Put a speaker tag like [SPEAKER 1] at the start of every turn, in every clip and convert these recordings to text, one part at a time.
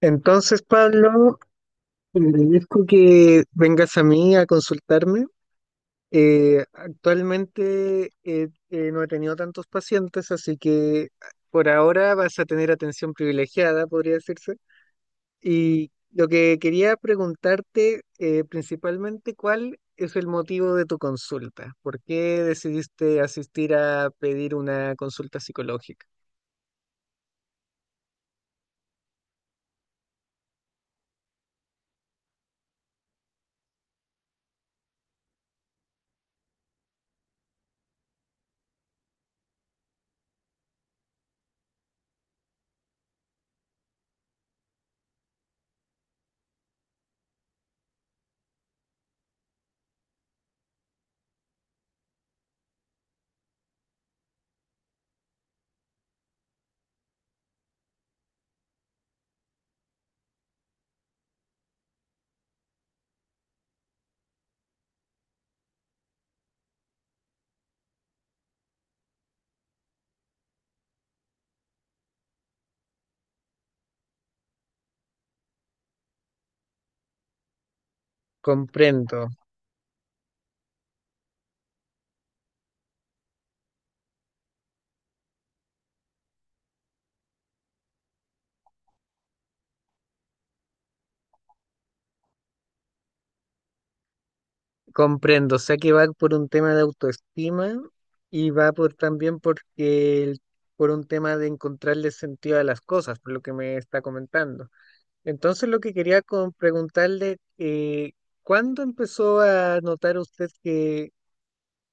[SPEAKER 1] Entonces, Pablo, le agradezco que vengas a mí a consultarme. Actualmente, no he tenido tantos pacientes, así que por ahora vas a tener atención privilegiada, podría decirse. Y lo que quería preguntarte, principalmente, ¿cuál es el motivo de tu consulta? ¿Por qué decidiste asistir a pedir una consulta psicológica? Comprendo. Comprendo, o sea que va por un tema de autoestima y va por también por un tema de encontrarle sentido a las cosas, por lo que me está comentando. Entonces lo que quería preguntarle, ¿cuándo empezó a notar usted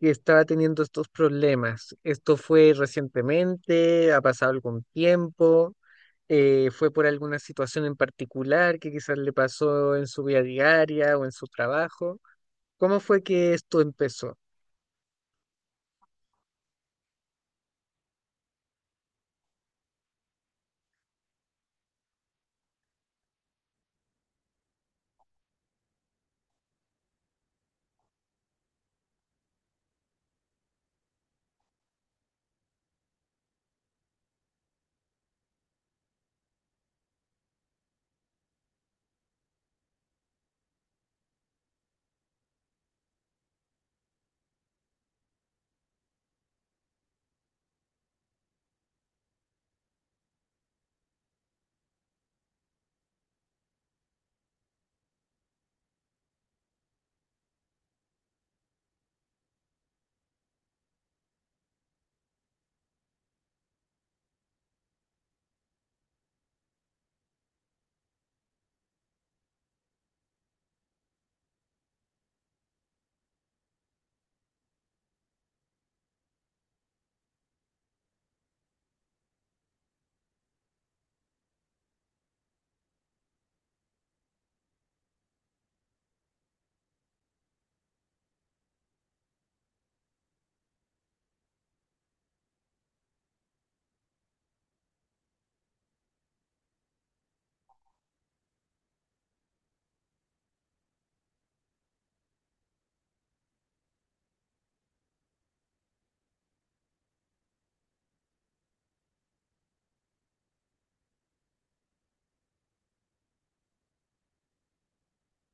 [SPEAKER 1] que estaba teniendo estos problemas? ¿Esto fue recientemente? ¿Ha pasado algún tiempo? ¿fue por alguna situación en particular que quizás le pasó en su vida diaria o en su trabajo? ¿Cómo fue que esto empezó?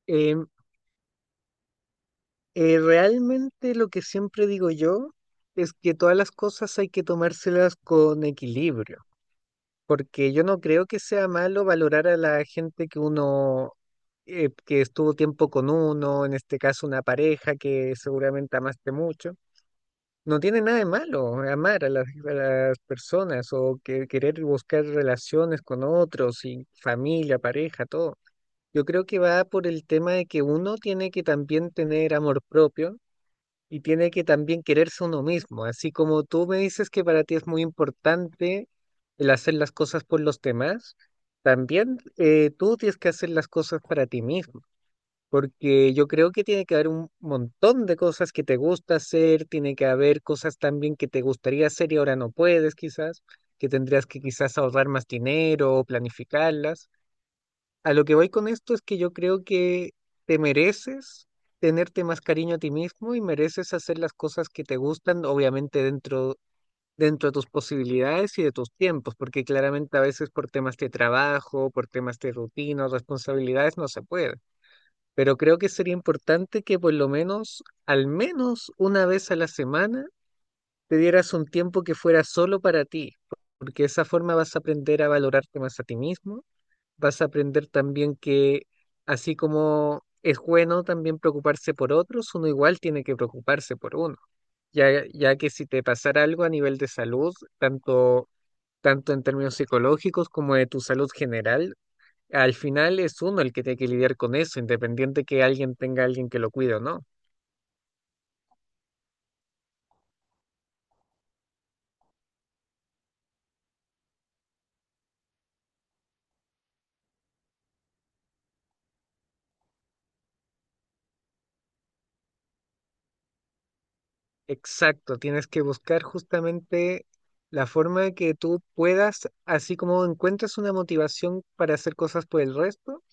[SPEAKER 1] Em, Realmente lo que siempre digo yo es que todas las cosas hay que tomárselas con equilibrio, porque yo no creo que sea malo valorar a la gente que uno, que estuvo tiempo con uno, en este caso una pareja que seguramente amaste mucho. No tiene nada de malo amar a las personas o que, querer buscar relaciones con otros y familia, pareja, todo. Yo creo que va por el tema de que uno tiene que también tener amor propio y tiene que también quererse uno mismo. Así como tú me dices que para ti es muy importante el hacer las cosas por los demás, también tú tienes que hacer las cosas para ti mismo. Porque yo creo que tiene que haber un montón de cosas que te gusta hacer, tiene que haber cosas también que te gustaría hacer y ahora no puedes quizás, que tendrías que quizás ahorrar más dinero o planificarlas. A lo que voy con esto es que yo creo que te mereces tenerte más cariño a ti mismo y mereces hacer las cosas que te gustan, obviamente dentro de tus posibilidades y de tus tiempos, porque claramente a veces por temas de trabajo, por temas de rutina, responsabilidades, no se puede. Pero creo que sería importante que por lo menos, al menos una vez a la semana, te dieras un tiempo que fuera solo para ti, porque de esa forma vas a aprender a valorarte más a ti mismo, vas a aprender también que así como es bueno también preocuparse por otros, uno igual tiene que preocuparse por uno, ya que si te pasara algo a nivel de salud, tanto, tanto en términos psicológicos como de tu salud general, al final es uno el que tiene que lidiar con eso, independiente que alguien tenga a alguien que lo cuide o no. Exacto, tienes que buscar justamente la forma de que tú puedas, así como encuentras una motivación para hacer cosas por el resto,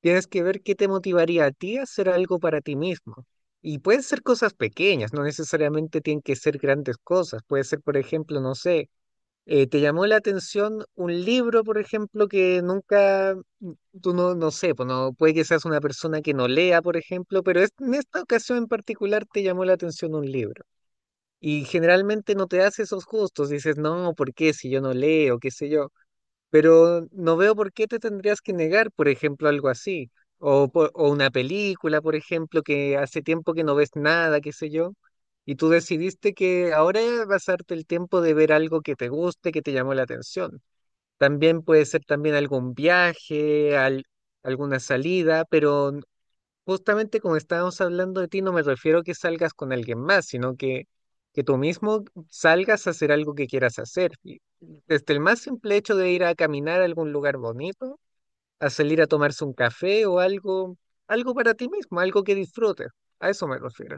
[SPEAKER 1] tienes que ver qué te motivaría a ti a hacer algo para ti mismo. Y pueden ser cosas pequeñas, no necesariamente tienen que ser grandes cosas. Puede ser, por ejemplo, no sé, te llamó la atención un libro, por ejemplo, que nunca, tú no, no sé, pues no, puede que seas una persona que no lea, por ejemplo, pero en esta ocasión en particular te llamó la atención un libro. Y generalmente no te das esos gustos, dices, no, ¿por qué si yo no leo, qué sé yo? Pero no veo por qué te tendrías que negar, por ejemplo, algo así. O, o una película, por ejemplo, que hace tiempo que no ves nada, qué sé yo, y tú decidiste que ahora vas a darte el tiempo de ver algo que te guste, que te llamó la atención. También puede ser también algún viaje, alguna salida, pero justamente como estábamos hablando de ti, no me refiero a que salgas con alguien más, sino que tú mismo salgas a hacer algo que quieras hacer. Y desde el más simple hecho de ir a caminar a algún lugar bonito, a salir a tomarse un café o algo, algo para ti mismo, algo que disfrutes. A eso me refiero.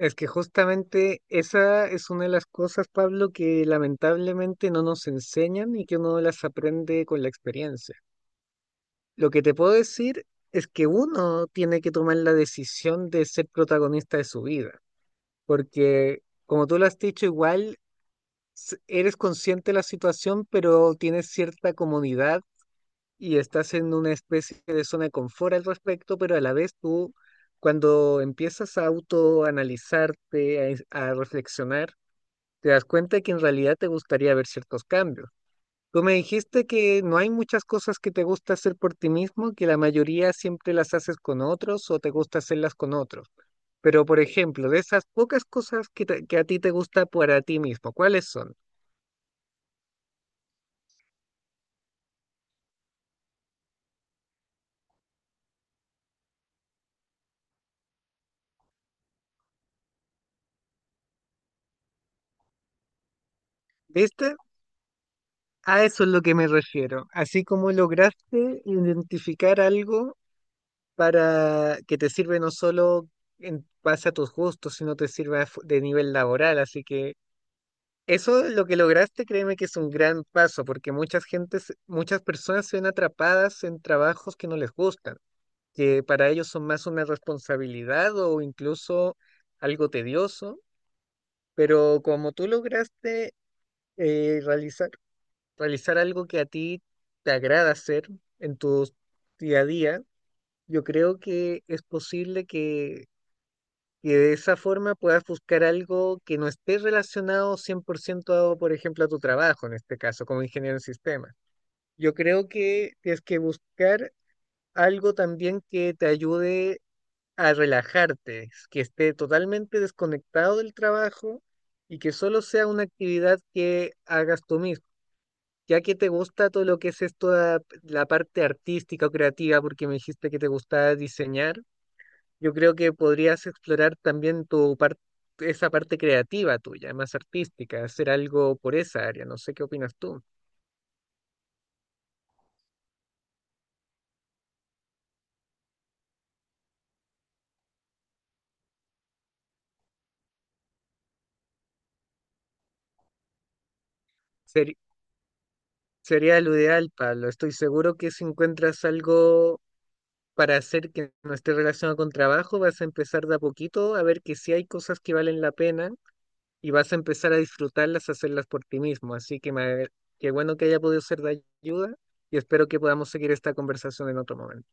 [SPEAKER 1] Es que justamente esa es una de las cosas, Pablo, que lamentablemente no nos enseñan y que uno las aprende con la experiencia. Lo que te puedo decir es que uno tiene que tomar la decisión de ser protagonista de su vida, porque como tú lo has dicho, igual eres consciente de la situación, pero tienes cierta comodidad y estás en una especie de zona de confort al respecto, pero a la vez tú, cuando empiezas a autoanalizarte, a reflexionar, te das cuenta que en realidad te gustaría ver ciertos cambios. Tú me dijiste que no hay muchas cosas que te gusta hacer por ti mismo, que la mayoría siempre las haces con otros o te gusta hacerlas con otros. Pero, por ejemplo, de esas pocas cosas que, que a ti te gusta para ti mismo, ¿cuáles son? ¿Viste? A eso es lo que me refiero. Así como lograste identificar algo para que te sirve no solo en base a tus gustos, sino te sirve a de nivel laboral. Así que eso lo que lograste, créeme que es un gran paso, porque muchas gentes, muchas personas se ven atrapadas en trabajos que no les gustan, que para ellos son más una responsabilidad o incluso algo tedioso, pero como tú lograste eh, realizar, realizar algo que a ti te agrada hacer en tu día a día, yo creo que es posible que de esa forma puedas buscar algo que no esté relacionado 100% a, por ejemplo, a tu trabajo, en este caso, como ingeniero en sistemas. Yo creo que tienes que buscar algo también que te ayude a relajarte, que esté totalmente desconectado del trabajo y que solo sea una actividad que hagas tú mismo. Ya que te gusta todo lo que es esto, la parte artística o creativa, porque me dijiste que te gustaba diseñar, yo creo que podrías explorar también tu parte, esa parte creativa tuya, más artística, hacer algo por esa área. No sé qué opinas tú. Ser- Sería lo ideal, Pablo. Estoy seguro que si encuentras algo para hacer que no esté relacionado con trabajo, vas a empezar de a poquito a ver que sí hay cosas que valen la pena y vas a empezar a disfrutarlas, a hacerlas por ti mismo. Así que qué bueno que haya podido ser de ayuda y espero que podamos seguir esta conversación en otro momento.